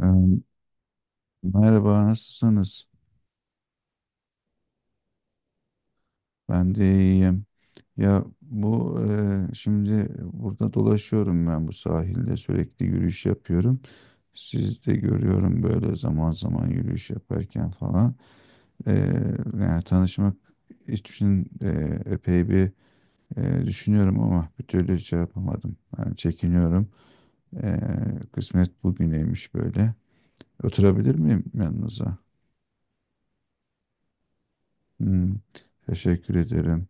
Ee, Merhaba, nasılsınız? Ben de iyiyim. Ya bu şimdi burada dolaşıyorum ben bu sahilde sürekli yürüyüş yapıyorum. Siz de görüyorum böyle zaman zaman yürüyüş yaparken falan. Ee, yani tanışmak için epey bir düşünüyorum ama bir türlü şey yapamadım. Yani çekiniyorum. Ee, kısmet bugüneymiş böyle. Oturabilir miyim yanınıza? Hmm, teşekkür ederim.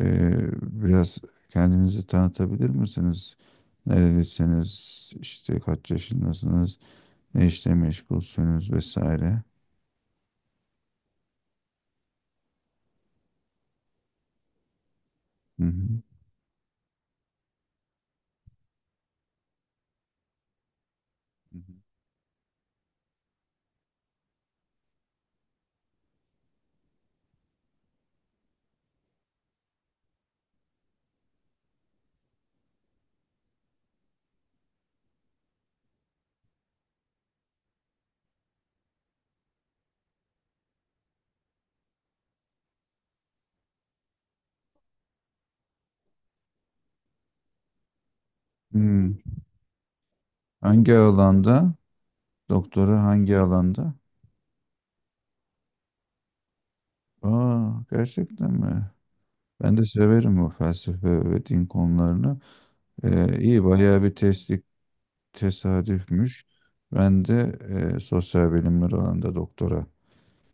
Ee, biraz kendinizi tanıtabilir misiniz? Nerelisiniz? İşte kaç yaşındasınız? Ne işle meşgulsünüz vesaire. Hı hı. Hı hı. Hmm. Hangi alanda? Doktora hangi alanda? Aa, gerçekten mi? Ben de severim bu felsefe ve din konularını. İyi bayağı bir teslik tesadüfmüş. Ben de sosyal bilimler alanında doktora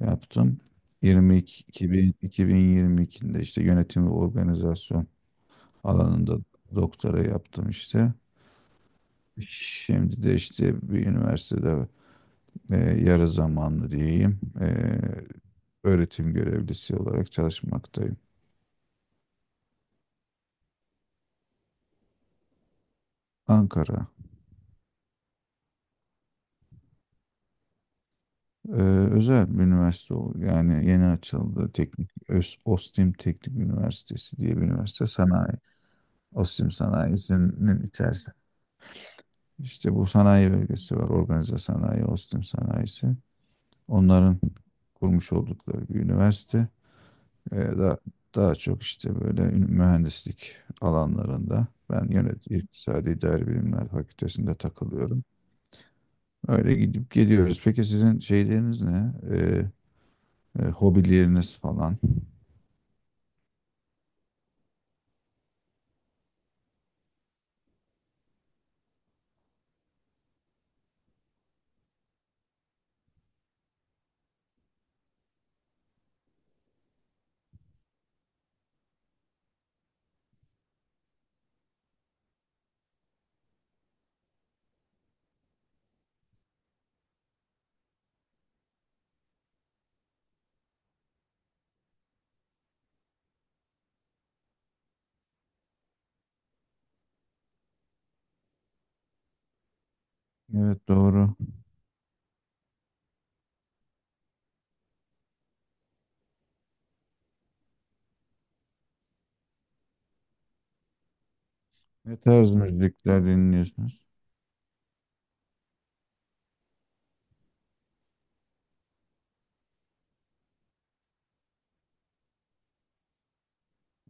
yaptım. 22, 2000 2022'de işte yönetim ve organizasyon alanında doktora yaptım işte. Şimdi de işte bir üniversitede yarı zamanlı diyeyim öğretim görevlisi olarak çalışmaktayım. Ankara. e, özel bir üniversite, yani yeni açıldı, OSTİM Teknik Üniversitesi diye bir üniversite sanayi. OSTİM sanayisinin içerisinde. İşte bu sanayi bölgesi var. Organize sanayi, Ostim sanayisi. Onların kurmuş oldukları bir üniversite. Ve da, daha çok işte böyle mühendislik alanlarında. Ben İktisadi İdari Bilimler Fakültesi'nde takılıyorum. Öyle gidip geliyoruz. Peki sizin şeyleriniz ne? Hobileriniz falan. Evet, doğru. Ne tarz müzikler dinliyorsunuz?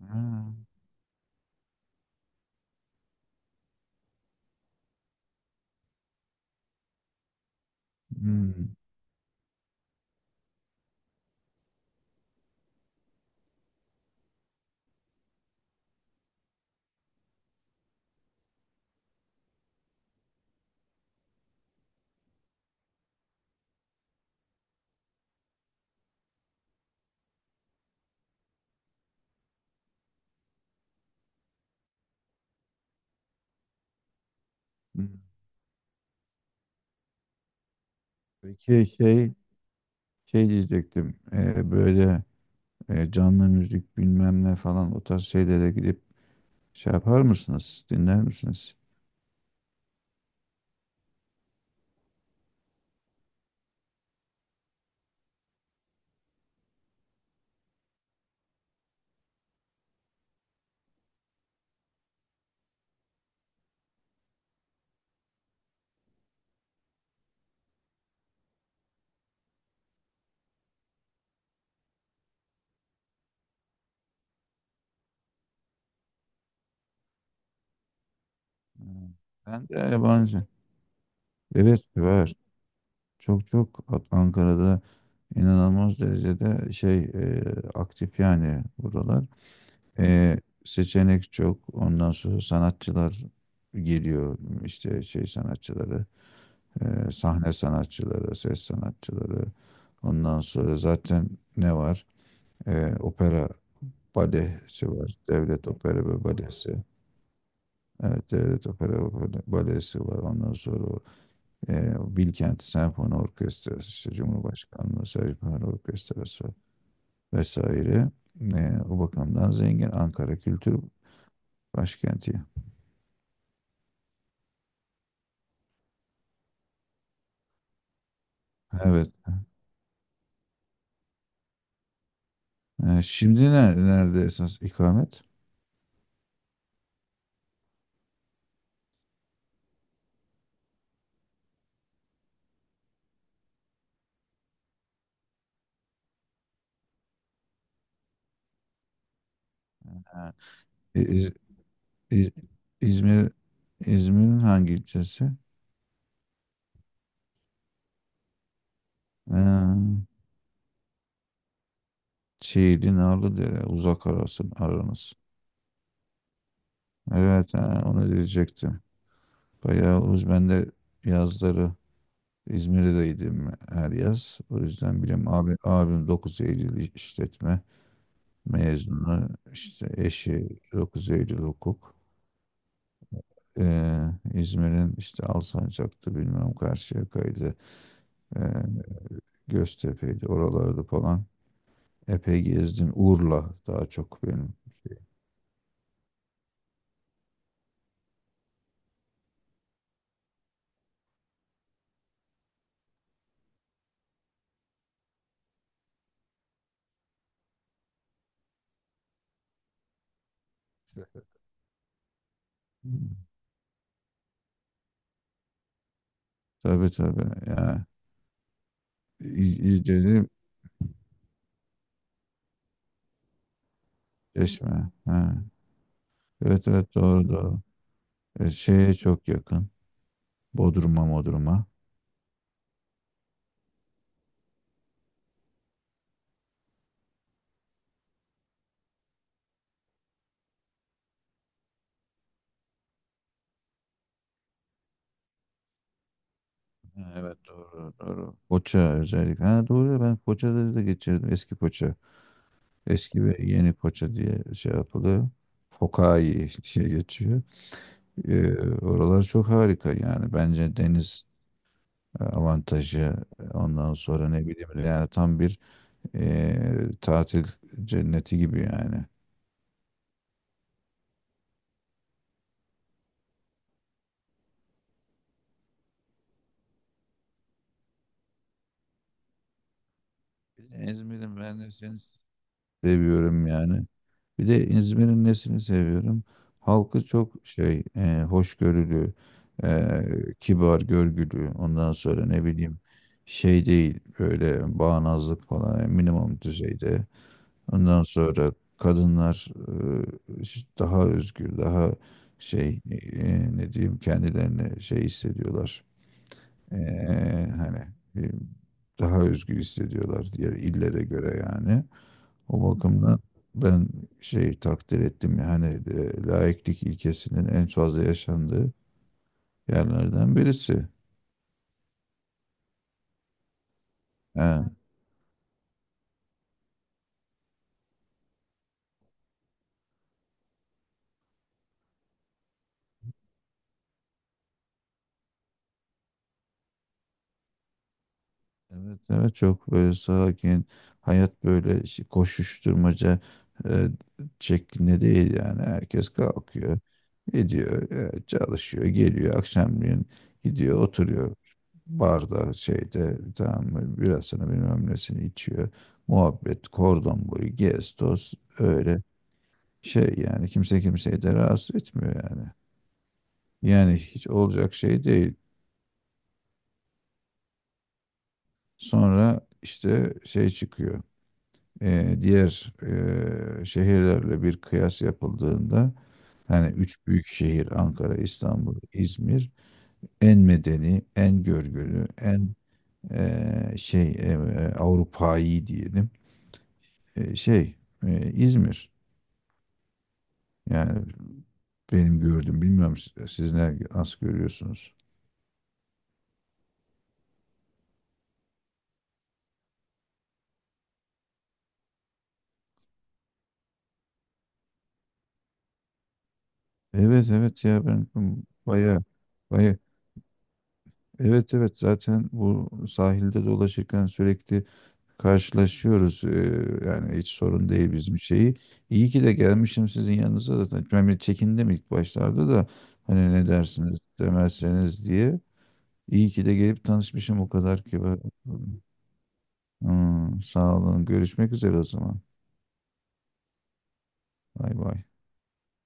Ha, hmm, hmm. Peki şey. Şey diyecektim, böyle canlı müzik bilmem ne falan o tarz şeylere gidip şey yapar mısınız? Dinler misiniz? Hmm. Ben de yabancı. Evet, var. Çok çok, Ankara'da inanılmaz derecede şey, aktif yani buralar. E, seçenek çok. Ondan sonra sanatçılar geliyor, işte şey sanatçıları, sahne sanatçıları, ses sanatçıları. Ondan sonra zaten ne var? Opera balesi var. Devlet opera ve balesi. Evet, Devlet Opera ve Balesi var. Ondan sonra o, Bilkent Senfoni Orkestrası, işte Cumhurbaşkanlığı Senfoni Orkestrası vesaire. O bakımdan zengin Ankara Kültür Başkenti. Evet. Şimdi nerede esas ikamet? Ha, İz- İz- İzmir. İzmir'in hangi ilçesi? Ha, Çiğli, Narlıdere, uzak arasın, aranız. Evet, ha, onu diyecektim. Bayağı uz. Ben de yazları İzmir'deydim her yaz. O yüzden abi, abim dokuz Eylül işletme mezunu. İşte eşi dokuz Eylül hukuk. Ee, İzmir'in işte Alsancak'tı bilmem Karşıyaka'ydı. Ee, Göztepe'ydi, oralarda falan. Epey gezdim. Urla daha çok benim. Hmm. Tabii tabii. Yani, dedim Çeşme. Ha. Evet evet, doğru doğru. Şeye çok yakın. Bodrum'a, Bodrum'a. Ha, evet, doğru doğru. Foça özellikle. Ha, doğru ya, ben Foça'da da geçirdim. Eski Foça. Eski ve yeni Foça diye şey yapılıyor. Fokai diye geçiyor. Oralar çok harika yani. Bence deniz avantajı, ondan sonra ne bileyim, yani tam bir tatil cenneti gibi yani. Bir de İzmir'im, ben de seni seviyorum yani. Bir de İzmir'in nesini seviyorum? Halkı çok şey, hoşgörülü, e, kibar, görgülü. Ondan sonra ne bileyim, şey değil böyle, bağnazlık falan yani minimum düzeyde. Ondan sonra kadınlar daha özgür, daha şey, ne diyeyim, kendilerini şey hissediyorlar. E, hani e, daha özgür hissediyorlar diğer illere göre yani. O bakımdan ben şey takdir ettim yani, laiklik ilkesinin en fazla yaşandığı yerlerden birisi. Ha, evet evet, çok böyle sakin hayat, böyle koşuşturmaca e, şeklinde değil yani. Herkes kalkıyor, gidiyor, çalışıyor, geliyor akşamleyin, gidiyor oturuyor barda, şeyde, tamam mı, birasını bilmem nesini içiyor, muhabbet, kordon boyu gez toz, öyle. Şey yani kimse kimseyi de rahatsız etmiyor yani. Yani hiç olacak şey değil. Sonra işte şey çıkıyor. Diğer şehirlerle bir kıyas yapıldığında, hani üç büyük şehir Ankara, İstanbul, İzmir en medeni, en görgülü, en ee, şey ee, Avrupa'yı diyelim. Ee, şey İzmir. Yani benim gördüğüm, bilmiyorum siz ne, nasıl görüyorsunuz? Evet evet ya, ben baya baya, evet evet, zaten bu sahilde dolaşırken sürekli karşılaşıyoruz. Yani hiç sorun değil bizim şeyi. İyi ki de gelmişim sizin yanınıza zaten. Ben bir çekindim ilk başlarda da, hani ne dersiniz, demezseniz diye. İyi ki de gelip tanışmışım, o kadar ki. Hmm, sağ olun. Görüşmek üzere o zaman. Bay bay.